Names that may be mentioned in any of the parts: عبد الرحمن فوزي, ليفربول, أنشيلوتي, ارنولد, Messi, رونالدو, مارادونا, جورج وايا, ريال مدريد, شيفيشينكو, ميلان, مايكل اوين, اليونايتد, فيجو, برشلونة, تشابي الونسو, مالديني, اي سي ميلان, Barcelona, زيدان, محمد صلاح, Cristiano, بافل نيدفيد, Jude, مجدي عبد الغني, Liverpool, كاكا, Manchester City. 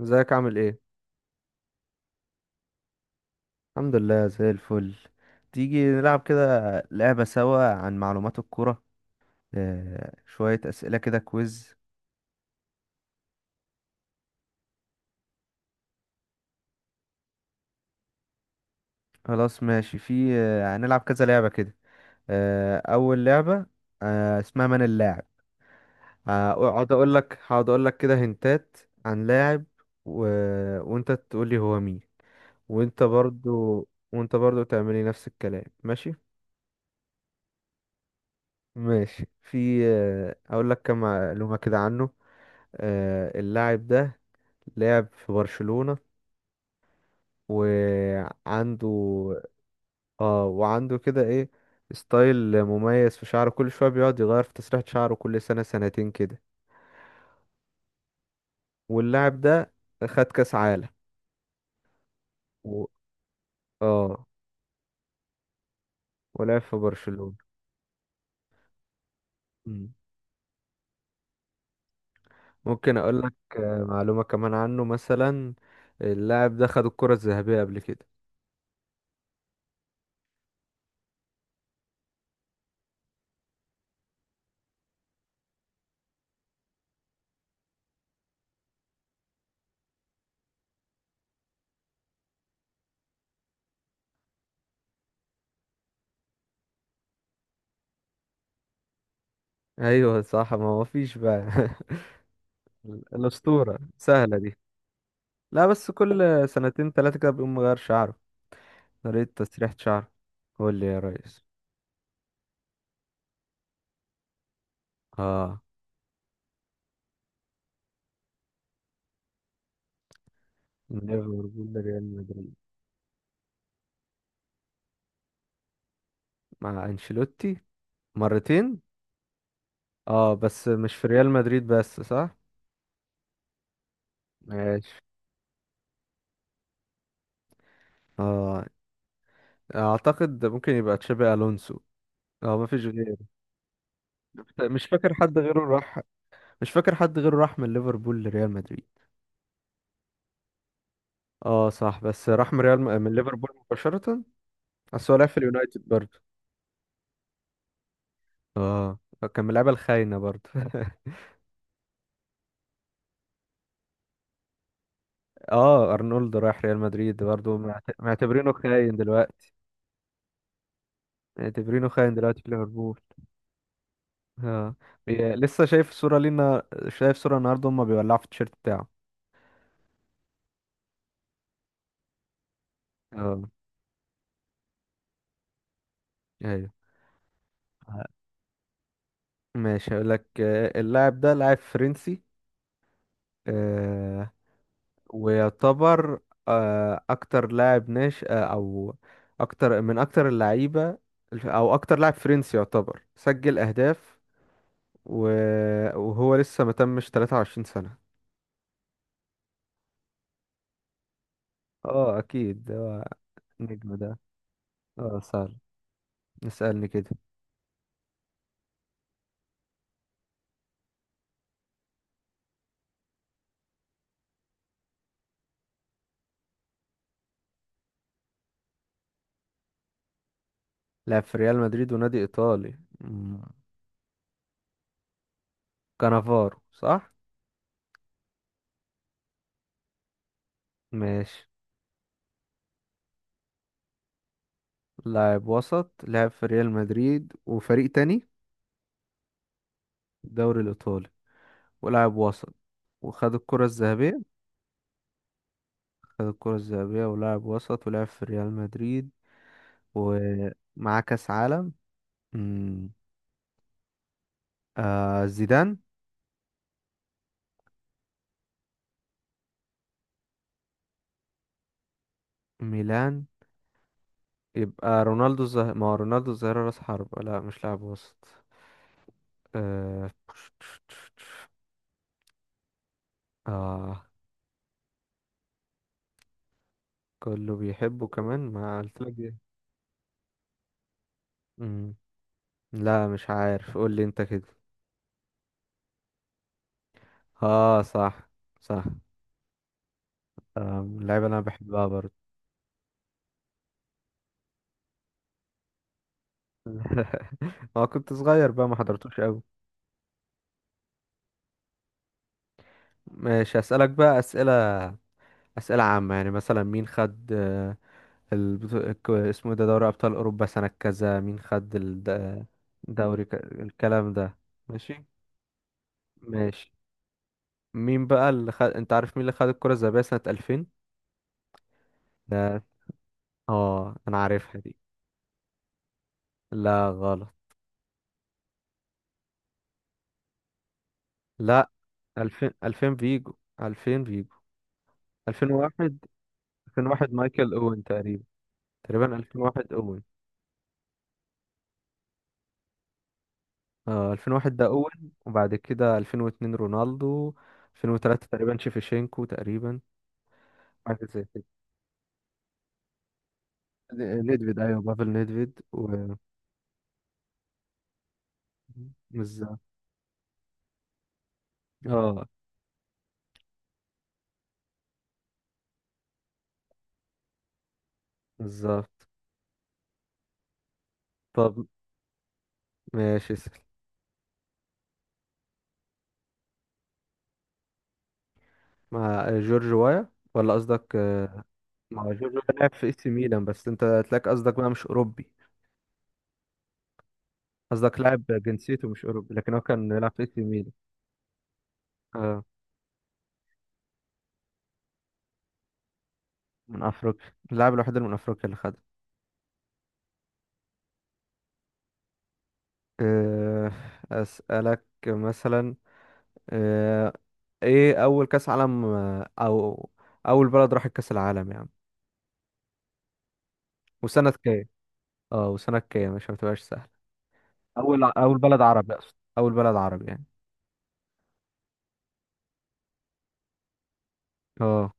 ازيك، عامل ايه؟ الحمد لله، زي الفل. تيجي نلعب كده لعبة سوا عن معلومات الكرة. شوية أسئلة كده، كويز. خلاص ماشي، في هنلعب كذا لعبة كده. أول لعبة، اسمها من اللاعب. هقعد أقول لك كده هنتات عن لاعب، و... وأنت تقول لي هو مين. وأنت برضو وأنت برضو تعملي نفس الكلام، ماشي. ماشي، في هقول لك كم معلومة كده عنه. اللاعب ده لعب في برشلونة وعنده اه وعنده كده ايه، ستايل مميز في شعره، كل شوية بيقعد يغير في تسريحة شعره كل سنة سنتين كده. واللاعب ده خد كأس عالم، و... اه ولعب في برشلونة. مم. ممكن اقول لك معلومة كمان عنه، مثلا اللاعب ده خد الكرة الذهبية قبل كده. ايوه صح، ما هو فيش بقى الأسطورة سهلة دي. لا، بس كل سنتين تلاتة كده بيقوم مغير شعره، طريقة تسريحة شعره. قول لي يا ريس. اه، ليفربول ريال مدريد، مع انشيلوتي مرتين. اه، بس مش في ريال مدريد بس، صح. ماشي. اه، اعتقد ممكن يبقى تشابي الونسو. اه مفيش غيره. مش فاكر حد غيره راح مش فاكر حد غيره راح من ليفربول لريال مدريد. اه صح، بس راح من من ليفربول مباشرة. بس هو لعب في اليونايتد برضه. اه، كان من اللعيبة الخاينة برضه اه، ارنولد رايح ريال مدريد برضه، معتبرينه خاين دلوقتي. معتبرينه خاين دلوقتي في ليفربول. اه، لسه شايف صورة لينا. شايف صورة النهارده هما بيولعوا في التيشيرت بتاعه. اه ايوه. آه، ماشي هقول لك. اللاعب ده لاعب فرنسي. آه، ويعتبر اكتر لاعب ناشئ، او اكتر اللعيبه، او اكتر لاعب فرنسي يعتبر سجل اهداف. وهو لسه ما تمش 23 سنه. اه اكيد. النجم ده اه سهل، نسألني كده. لعب في ريال مدريد ونادي إيطالي. مم. كانافارو صح. ماشي. لاعب وسط لعب في ريال مدريد وفريق تاني، الدوري الإيطالي، ولاعب وسط، وخد الكرة الذهبية. خد الكرة الذهبية ولاعب وسط، ولعب في ريال مدريد، ومعاه كأس عالم. مم. زيدان. ميلان، يبقى رونالدو الظاهرة. ما هو رونالدو الظاهرة راس حربة، لا مش لاعب وسط. آه. آه، كله بيحبه كمان، ما قلتلك دي. مم. لا مش عارف، قول لي انت كده. اه صح، صح. اللعيبه اللي انا بحبها برضه ما كنت صغير بقى، ما حضرتوش قوي. ماشي اسالك بقى اسئله، اسئله عامه، يعني مثلا مين خد البطو... اسمه إيه ده، دوري ابطال اوروبا سنه كذا مين خد الكلام ده. ماشي ماشي. مين بقى اللي خد، انت عارف مين اللي خد الكره الذهبيه سنه 2000 ده؟ اه انا عارفها دي. لا غلط. لا، 2000 فيجو. 2000 فيجو. 2001 2001 مايكل اوين تقريبا. تقريبا 2001 اوين. اه، 2001 ده اوين، وبعد كده 2002 رونالدو. 2003 تقريبا شيفيشينكو، تقريبا. حاجة زي كده، نيدفيد، ايوه بافل نيدفيد بالظبط. اه بالظبط. طب ماشي، اسأل. مع جورج وايا. ولا قصدك مع جورج وايا لعب في اس ميلان، بس انت تلاقي قصدك بقى مش اوروبي. قصدك لاعب جنسيته مش أوروبي، لكن هو كان بيلعب في اي سي ميلان. آه. من أفريقيا، اللاعب الوحيد اللي من أفريقيا اللي خدها. آه أسألك مثلا، آه إيه أول كأس عالم، أو أول بلد راحت كأس العالم يعني، وسنة كام؟ اه وسنة كام، مش هتبقاش سهل. أول بلد عربي، أقصد أول بلد عربي يعني. اه.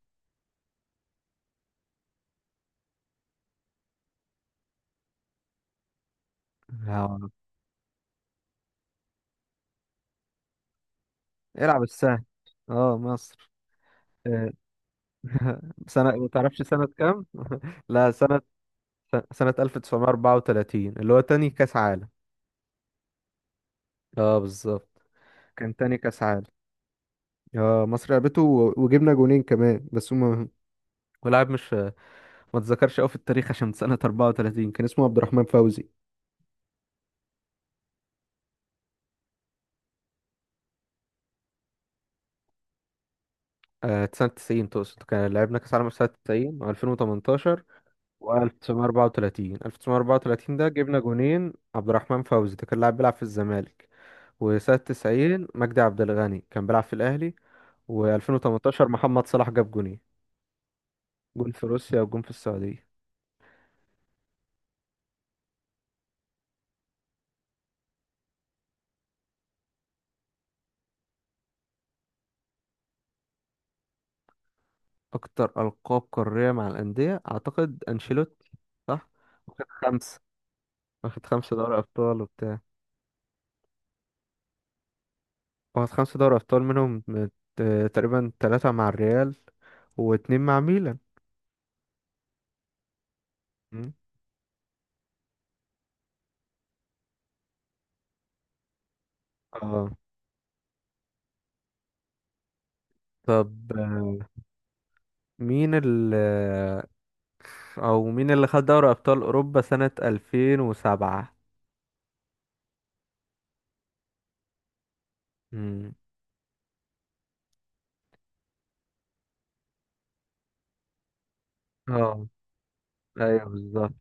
آه، العب السهل. اه مصر. آه، سنة، ما تعرفش سنة كام؟ لا سنة، سنة 1934، اللي هو تاني كأس عالم. اه بالظبط، كان تاني كأس عالم. اه مصر لعبته، وجبنا جونين كمان، بس هما ولاعب مش ما اتذكرش قوي في التاريخ، عشان سنة 34 كان اسمه عبد الرحمن فوزي. سنة 90 تقصد، كان لعبنا كأس عالم في سنة 90 و2018 و1934. 1934 ده جبنا جونين، عبد الرحمن فوزي ده كان لاعب بيلعب في الزمالك. وسنة 90 مجدي عبد الغني كان بيلعب في الأهلي. و2018 محمد صلاح جاب جونين، جون في روسيا وجون في السعودية. أكتر ألقاب قارية مع الأندية، أعتقد أنشيلوتي، صح؟ واخد خمسة واخد خمسة دوري أبطال وبتاع. واخد خمسة دوري أبطال، منهم تقريبا تلاتة مع الريال واتنين مع ميلان. مم. اه طب، مين ال أو مين اللي خد دوري أبطال أوروبا سنة ألفين وسبعة؟ مم. اه أيوه بالظبط.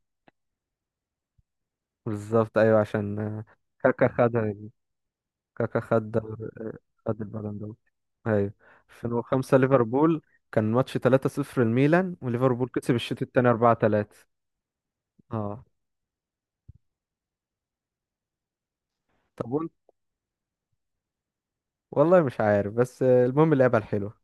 بالظبط أيوه، عشان كاكا خدها. كاكا خد دوري- خد البالون دور، ايوه. 2005 ليفربول، كان ماتش 3-0، الميلان وليفربول كسب الشوط التاني 4-3. اه طب وانت، والله مش عارف، بس المهم اللعبة الحلوة.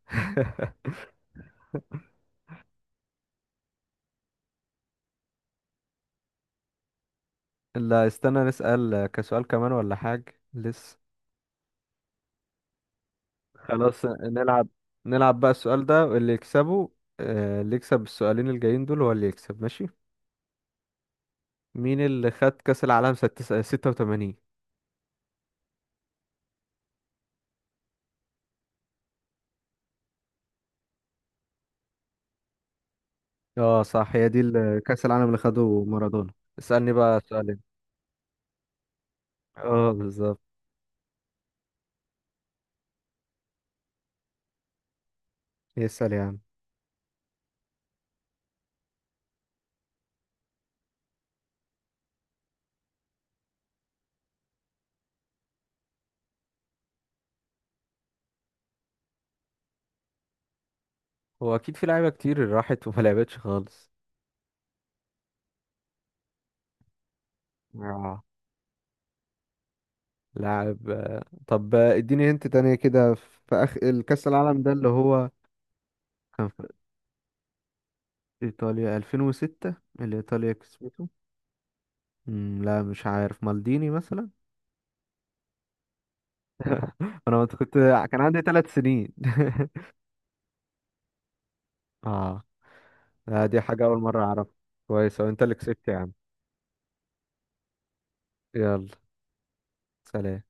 اللي استنى نسأل كسؤال كمان ولا حاجة لسه؟ خلاص نلعب بقى السؤال ده واللي يكسبه. اللي يكسب السؤالين الجايين دول هو اللي يكسب، ماشي. مين اللي خد كأس العالم 86؟ اه صح، هي دي كأس العالم اللي خده مارادونا. اسألني بقى سؤالين. اه بالظبط. يسأل يا عم. هو اكيد في لعيبه كتير راحت وما لعبتش خالص. اه، لاعب طب اديني هنت تانية كده. في اخ الكأس العالم ده، اللي هو كان في ايطاليا 2006، اللي ايطاليا كسبته. لا مش عارف، مالديني مثلا. انا كنت كان عندي ثلاث سنين اه لا، دي حاجة اول مرة اعرفها. كويس، وانت اللي كسبت يا عم. يلا. سلام.